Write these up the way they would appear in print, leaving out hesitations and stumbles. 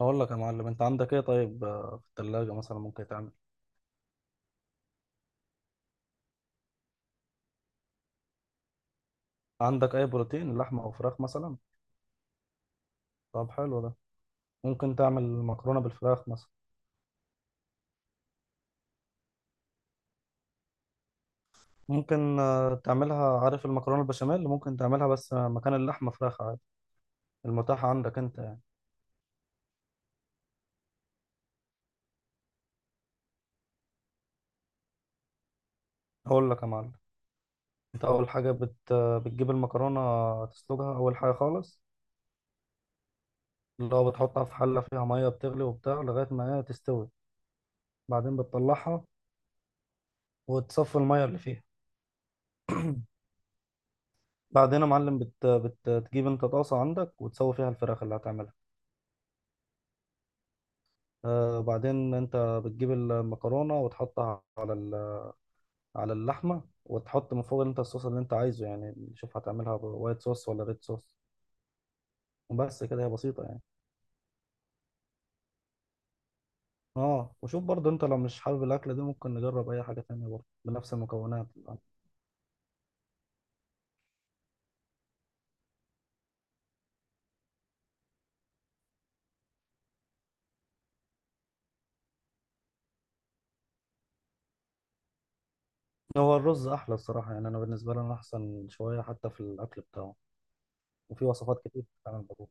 اقول لك يا معلم، انت عندك ايه؟ طيب في الثلاجه مثلا ممكن تعمل. عندك اي بروتين؟ لحمه او فراخ مثلا؟ طب حلو ده. ممكن تعمل مكرونه بالفراخ مثلا. ممكن تعملها، عارف المكرونه البشاميل؟ ممكن تعملها بس مكان اللحمه فراخ عادي، المتاح عندك انت يعني. اقول لك يا معلم، انت اول حاجه بت... آه، بتجيب المكرونه، تسلقها اول حاجه خالص، اللي هو بتحطها في حله فيها ميه بتغلي وبتاع لغايه ما هي تستوي. بعدين بتطلعها وتصفي الميه اللي فيها. بعدين يا معلم بتجيب انت طاسة عندك وتسوي فيها الفراخ اللي هتعملها. آه بعدين انت بتجيب المكرونة وتحطها على على اللحمة، وتحط من فوق انت الصوص اللي انت عايزه، يعني شوف هتعملها وايت صوص ولا ريد صوص. وبس كده، هي بسيطة يعني. اه وشوف برضه انت لو مش حابب الأكلة دي ممكن نجرب أي حاجة تانية برضه بنفس المكونات. هو الرز أحلى الصراحة، يعني أنا بالنسبة لي أنا أحسن شوية حتى في الأكل بتاعه. وفي وصفات كتير بتتعمل بالرز.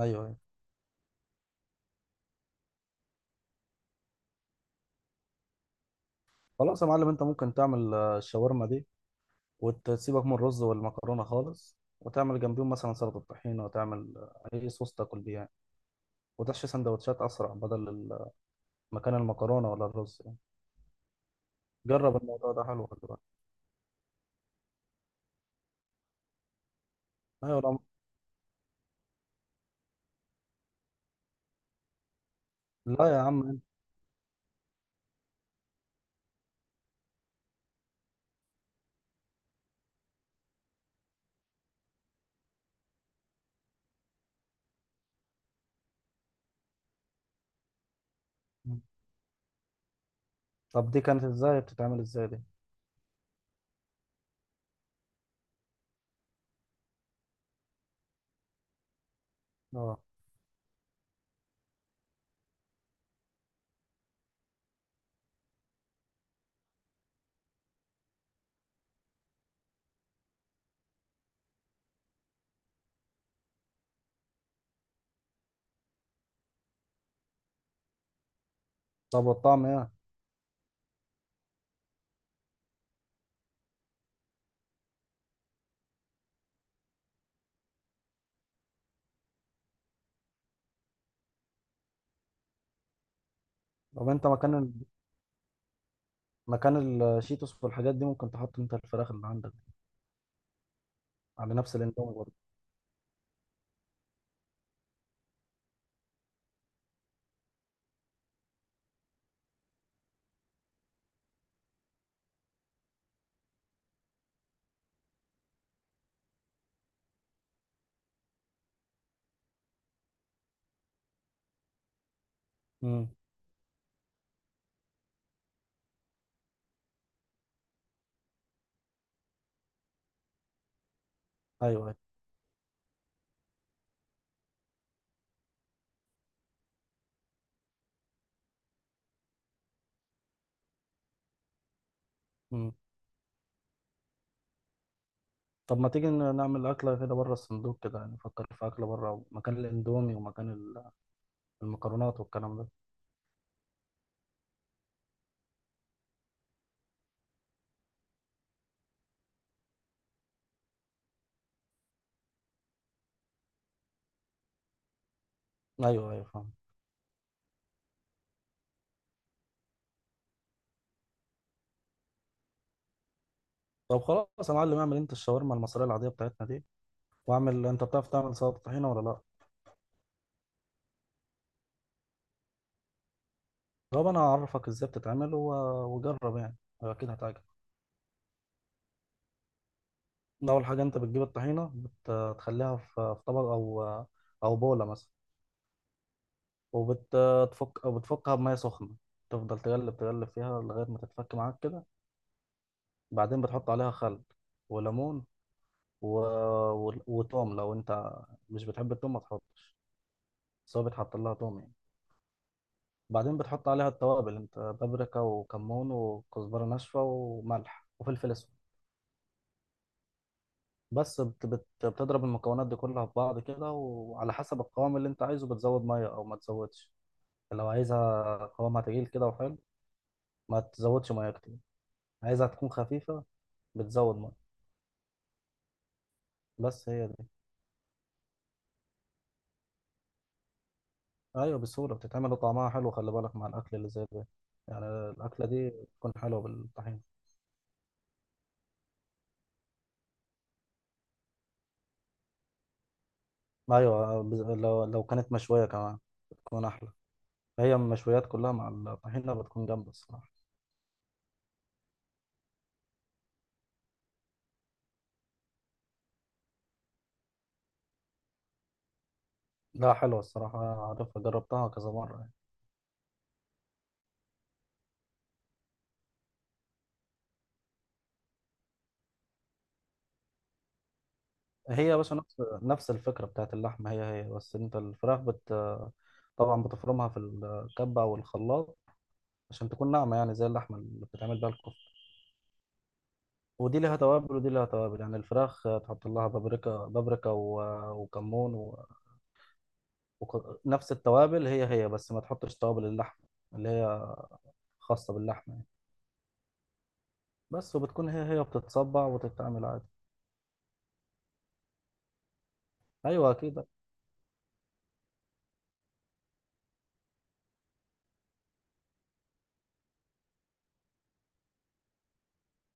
أيوه أيوه. خلاص يا معلم، انت ممكن تعمل الشاورما دي، وتسيبك من الرز والمكرونة خالص، وتعمل جنبيهم مثلا سلطة طحينة، وتعمل أي صوص تاكل بيه يعني، وتحشي سندوتشات أسرع بدل مكان المكرونة ولا الرز يعني. جرب الموضوع ده، حلو، خلي بالك. أيوة. لا لا يا عم. أنت- طب دي كانت إزاي؟ بتتعمل إزاي دي؟ أه. طب والطعم إيه؟ طب أنت مكان مكان الشيتوس والحاجات دي ممكن تحط أنت الفراخ اللي عندك على نفس الإندومي برضه. أمم. أيوه أيوه. أمم. طب ما تيجي نعمل أكلة كده بره الصندوق كده، يعني نفكر في أكلة بره، مكان الإندومي ومكان المكرونات والكلام ده. ايوه ايوه فاهم. طب خلاص يا معلم، اعمل انت الشاورما المصريه العاديه بتاعتنا دي، واعمل انت، بتعرف تعمل سلطه طحينه ولا لا؟ طب انا هعرفك ازاي بتتعمل وجرب يعني، اكيد هتعجبك. اول حاجه انت بتجيب الطحينه، بتخليها في طبق او او بوله مثلا، وبتفك او بتفكها بميه سخنه، تفضل تقلب فيها لغايه ما تتفك معاك كده. بعدين بتحط عليها خل وليمون و... وتوم. لو انت مش بتحب التوم ما تحطش، بس هو بيتحط لها توم يعني. بعدين بتحط عليها التوابل انت، بابريكا وكمون وكزبرة ناشفة وملح وفلفل اسود. بس بت بت بتضرب المكونات دي كلها في بعض كده، وعلى حسب القوام اللي انت عايزه بتزود مية او ما تزودش. لو عايزها قوامها تقيل كده وحلو ما تزودش مية كتير، عايزها تكون خفيفة بتزود مية. بس هي دي. ايوه بسهولة بتتعمل، وطعمها حلو، خلي بالك مع الاكل اللي زي ده، يعني الاكلة دي بتكون حلوة بالطحين. لو كانت مشوية كمان بتكون احلى. هي المشويات كلها مع الطحينة بتكون جامدة الصراحة. لا حلوة الصراحة، أنا عارفها، جربتها كذا مرة يعني. هي يا باشا نفس الفكرة بتاعت اللحمة، هي هي بس أنت الفراخ بت طبعا بتفرمها في الكبة أو الخلاط عشان تكون ناعمة، يعني زي اللحمة اللي بتتعمل بيها الكفتة. ودي ليها توابل يعني، الفراخ تحط لها بابريكا وكمون نفس التوابل هي هي، بس ما تحطش توابل اللحمة اللي هي خاصة باللحمة يعني. بس وبتكون هي هي بتتصبع وتتعمل عادي. أيوة أكيد.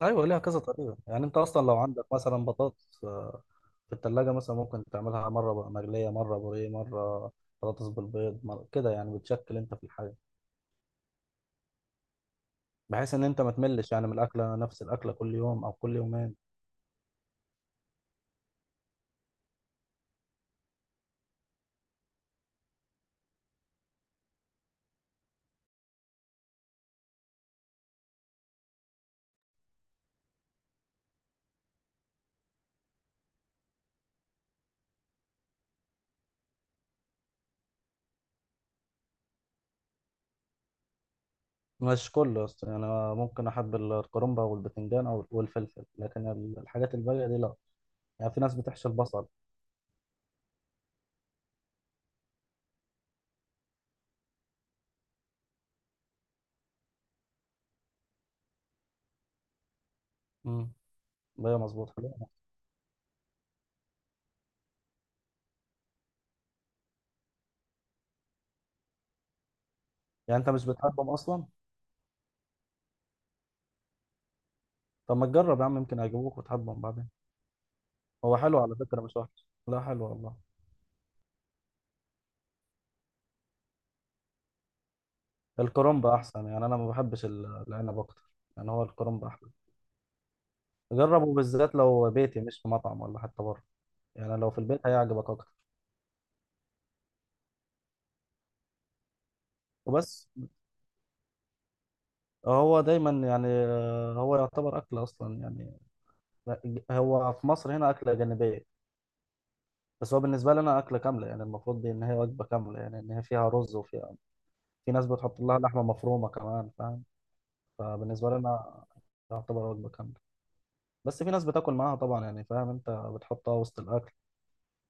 ايوه ليها كذا طريقه يعني، انت اصلا لو عندك مثلا بطاطس في التلاجة مثلا ممكن تعملها مره بقى مقليه، مره بوريه، مره بطاطس بالبيض، مرة كده يعني، بتشكل انت في الحاجه بحيث ان انت ما تملش يعني من الاكله، نفس الاكله كل يوم او كل يومين. مش كله أصلاً. يعني أنا ممكن احب الكرنبه والبتنجان او والفلفل، لكن الحاجات الباقيه دي لا. يعني في ناس بتحشي البصل. امم. بقى مظبوط، حلو. يعني انت مش بتحبهم اصلا. طب ما تجرب يا عم، يمكن هيعجبوك وتحبهم بعدين. هو حلو على فكره مش وحش، لا حلو والله. الكرنب احسن، يعني انا ما بحبش العنب اكتر، يعني هو الكرنب احلى. جربه بالذات لو بيتي، مش في مطعم ولا حتى بره، يعني لو في البيت هيعجبك اكتر. وبس. هو دايما يعني هو يعتبر اكل اصلا يعني. هو في مصر هنا اكله جانبيه، بس هو بالنسبه لي انا اكله كامله، يعني المفروض دي ان هي وجبه كامله، يعني ان هي فيها رز وفيها، في ناس بتحط لها لحمه مفرومه كمان، فاهم؟ فبالنسبه لي انا يعتبر وجبه كامله. بس في ناس بتاكل معاها طبعا يعني، فاهم، انت بتحطها وسط الاكل،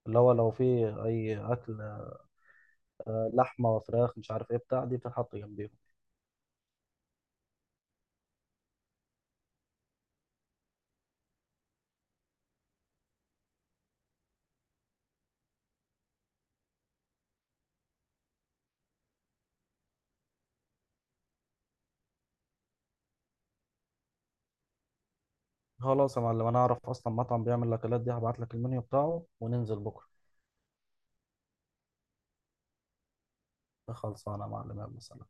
اللي هو لو في اي اكل لحمه وفراخ مش عارف ايه بتاع دي، بتتحط جنبيهم. خلاص يا معلم، انا اعرف اصلا مطعم بيعمل الاكلات دي، هبعت لك المنيو بتاعه وننزل بكره. خلصانه يا معلم، يلا سلام.